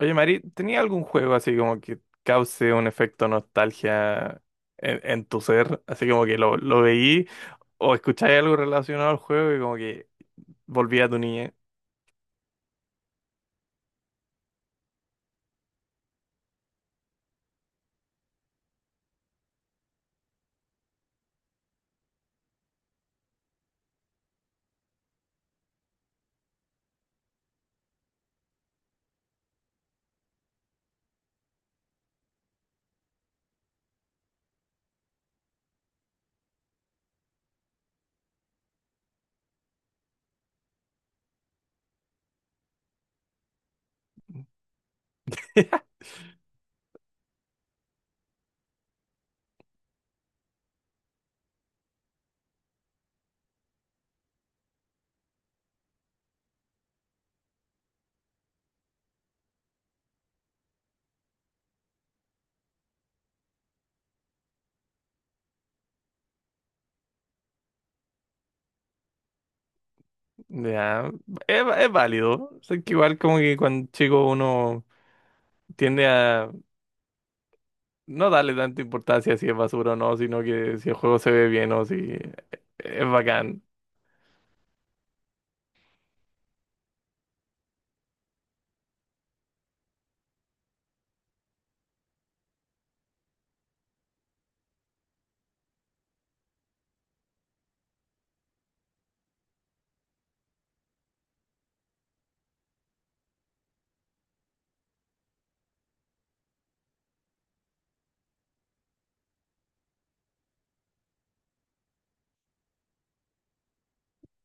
Oye, Mari, ¿tenía algún juego así como que cause un efecto nostalgia en tu ser? Así como que lo veí o escucháis algo relacionado al juego y como que volví a tu niñez. Ya, es válido. Sé que igual como que cuando chico uno tiende a no darle tanta importancia si es basura o no, sino que si el juego se ve bien o si es bacán.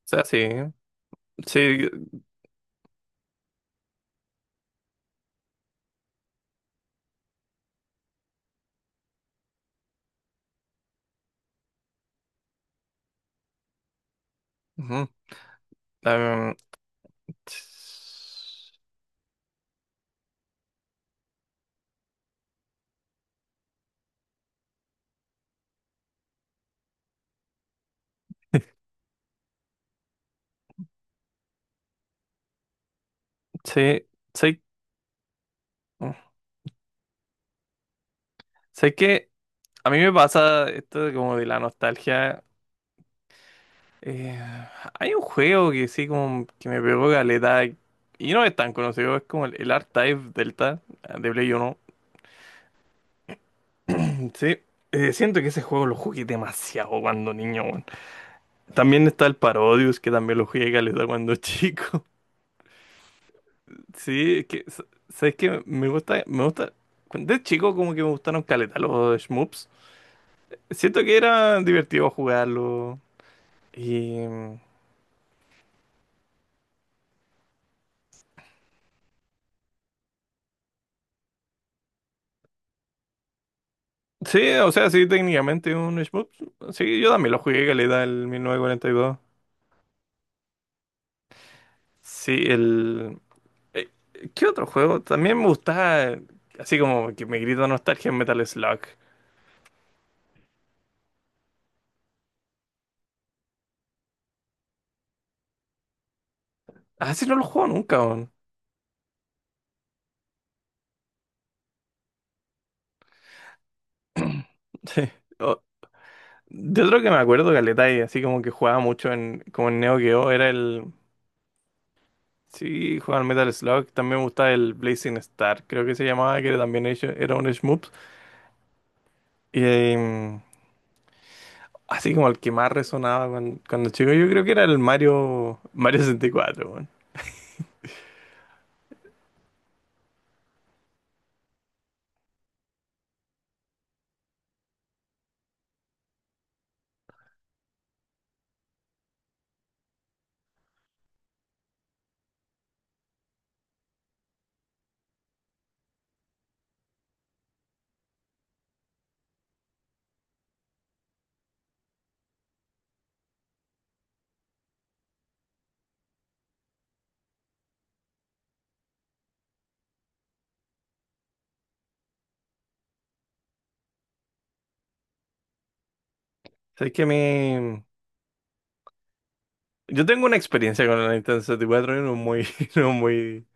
O sea, sí. Sí. Ujú. em, sí. Sí. Sé que a mí me pasa esto de como de la nostalgia. eh, Hay un juego que sí como que me pegó caleta y no es tan conocido, es como el Archive Delta, de Play 1. Sí, siento que ese juego lo jugué demasiado cuando niño, weón. También está el Parodius que también lo jugué caleta cuando chico. Sí, es que sabes que me gusta de chico como que me gustaron caleta los shmups. Siento que era divertido jugarlo. Y mm. Sí, o sea, sí, técnicamente un shmup. Sí, yo también lo jugué caleta el 1942. Sí, eh, ¿qué otro juego? También me gustaba, así como que me grita nostalgia en Metal Slug. Así no lo juego nunca, weón. Sí. O- de otro que me acuerdo, caleta, y así como que jugaba mucho en, como en Neo Geo, era el... Sí, jugaba al Metal Slug. También me gustaba el Blazing Star, creo que se llamaba, que era también hecho, era un shmup. Y... em, Así como el que más resonaba cuando chico, yo creo que era el Mario 64, weón. O sea, es que a mí... Yo tengo una experiencia con la Nintendo 64 y cuatro y no muy... No, muy...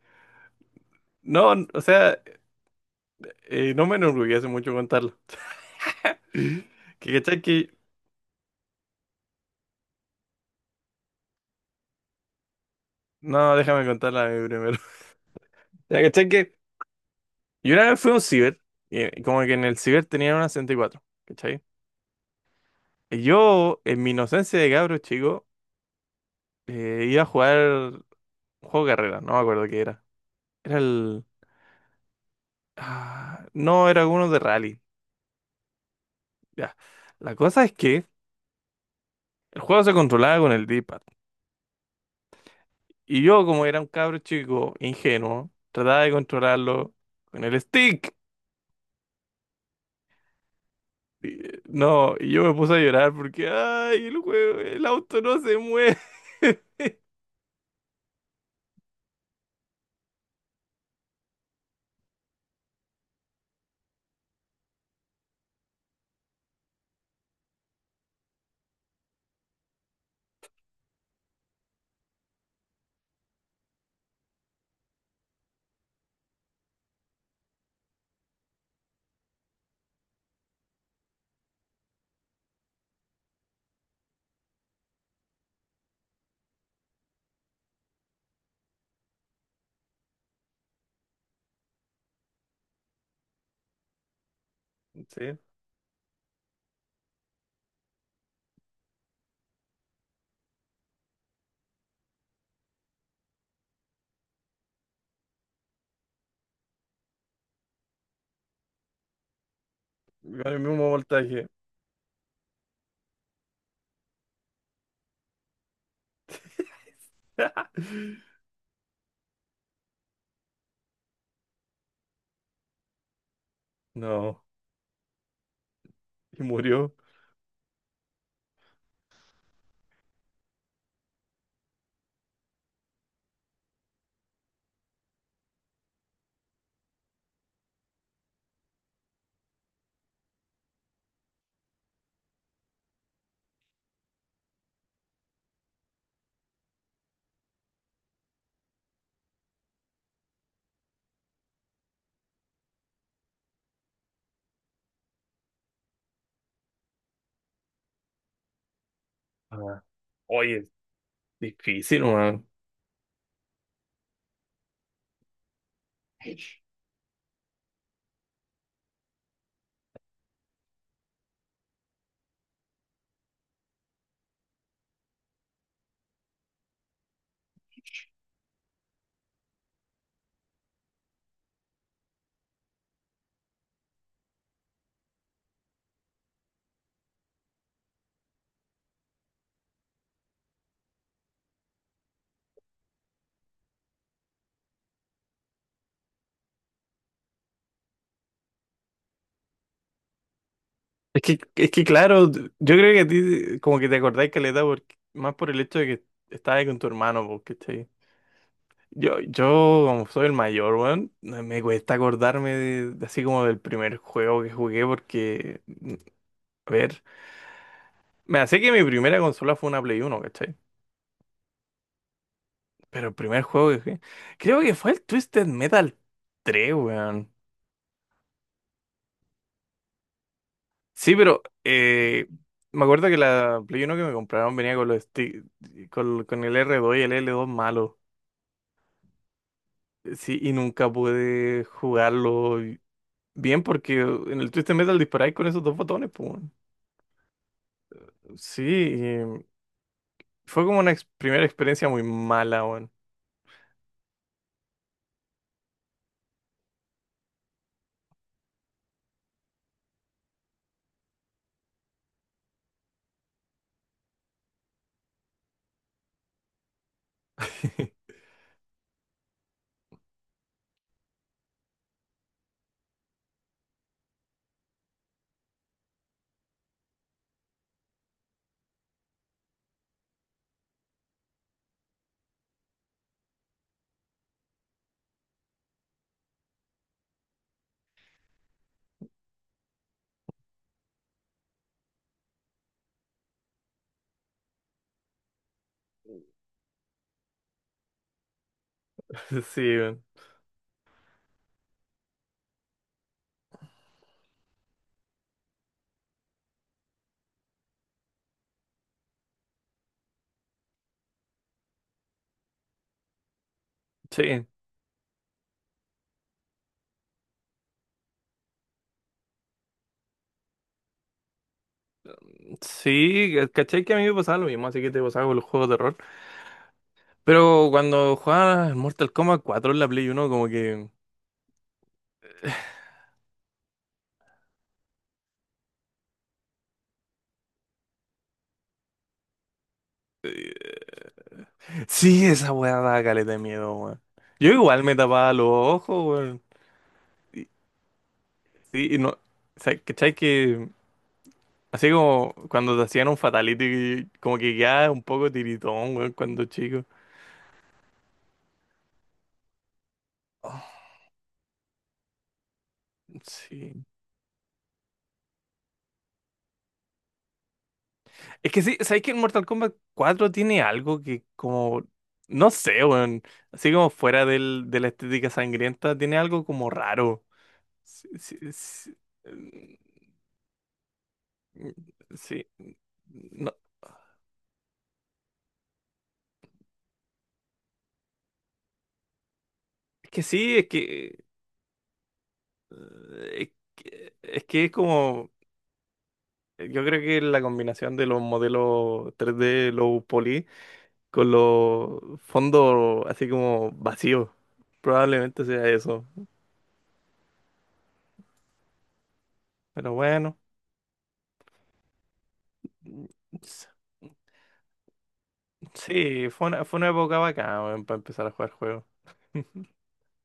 No, o sea, no me enorgullece mucho contarlo. Que cachai que... No, déjame contarla a mí primero. Ya, cachai que... Yo una vez fui a un ciber, y como que en el ciber tenían una 64, ¿cachai? Y yo, en mi inocencia de cabro chico, iba a jugar un juego de carrera, no me acuerdo qué era. Era el... Ah, no, era uno de rally. Ya. La cosa es que el juego se controlaba con el D-pad. Y yo, como era un cabro chico ingenuo, trataba de controlarlo con el stick. Y, no, y yo me puse a llorar porque, ay, el juego, el auto no se mueve. Sí, con el mismo voltaje. No, y murió. Ah, oye, difícil, man. Es que claro, yo creo que a ti como que te acordáis caleta porque, más por el hecho de que estabas con tu hermano, porque yo como soy el mayor, weón, me cuesta acordarme de así como del primer juego que jugué porque, a ver, me hace que mi primera consola fue una Play 1, ¿cachai? Pero el primer juego que jugué, creo que fue el Twisted Metal 3, weón. Sí, pero me acuerdo que la Play 1 que me compraron venía con los con el R2 y el L2 malo. Sí, y nunca pude jugarlo bien porque en el Twisted Metal disparáis con esos dos botones, pues, weón. Sí, y fue como una primera experiencia muy mala, weón. Sí, weón. Sí, sí, caché que a mí me pasaba lo mismo, así que te pasaba con los juegos de terror. Pero cuando jugaba al Mortal Kombat 4 en la Play 1, como que... Sí, esa weá daba caleta de miedo, weón. Yo igual me tapaba los ojos, weón. Y- Sí, y no. O sea, ¿cachai que...? Así como cuando te hacían un fatality, como que ya un poco tiritón, weón, cuando chico. Oh. Sí. Es que sí, ¿sabes que en Mortal Kombat 4 tiene algo que como, no sé, weón, así como fuera de la estética sangrienta, tiene algo como raro? Sí, sí, sí. Mm, sí. No, es que sí, es es que es como, yo creo que la combinación de los modelos 3D low poly, con los fondos así como vacíos. Probablemente sea eso. Pero bueno, s- sí, fue una época bacana, weón, para empezar a jugar juegos.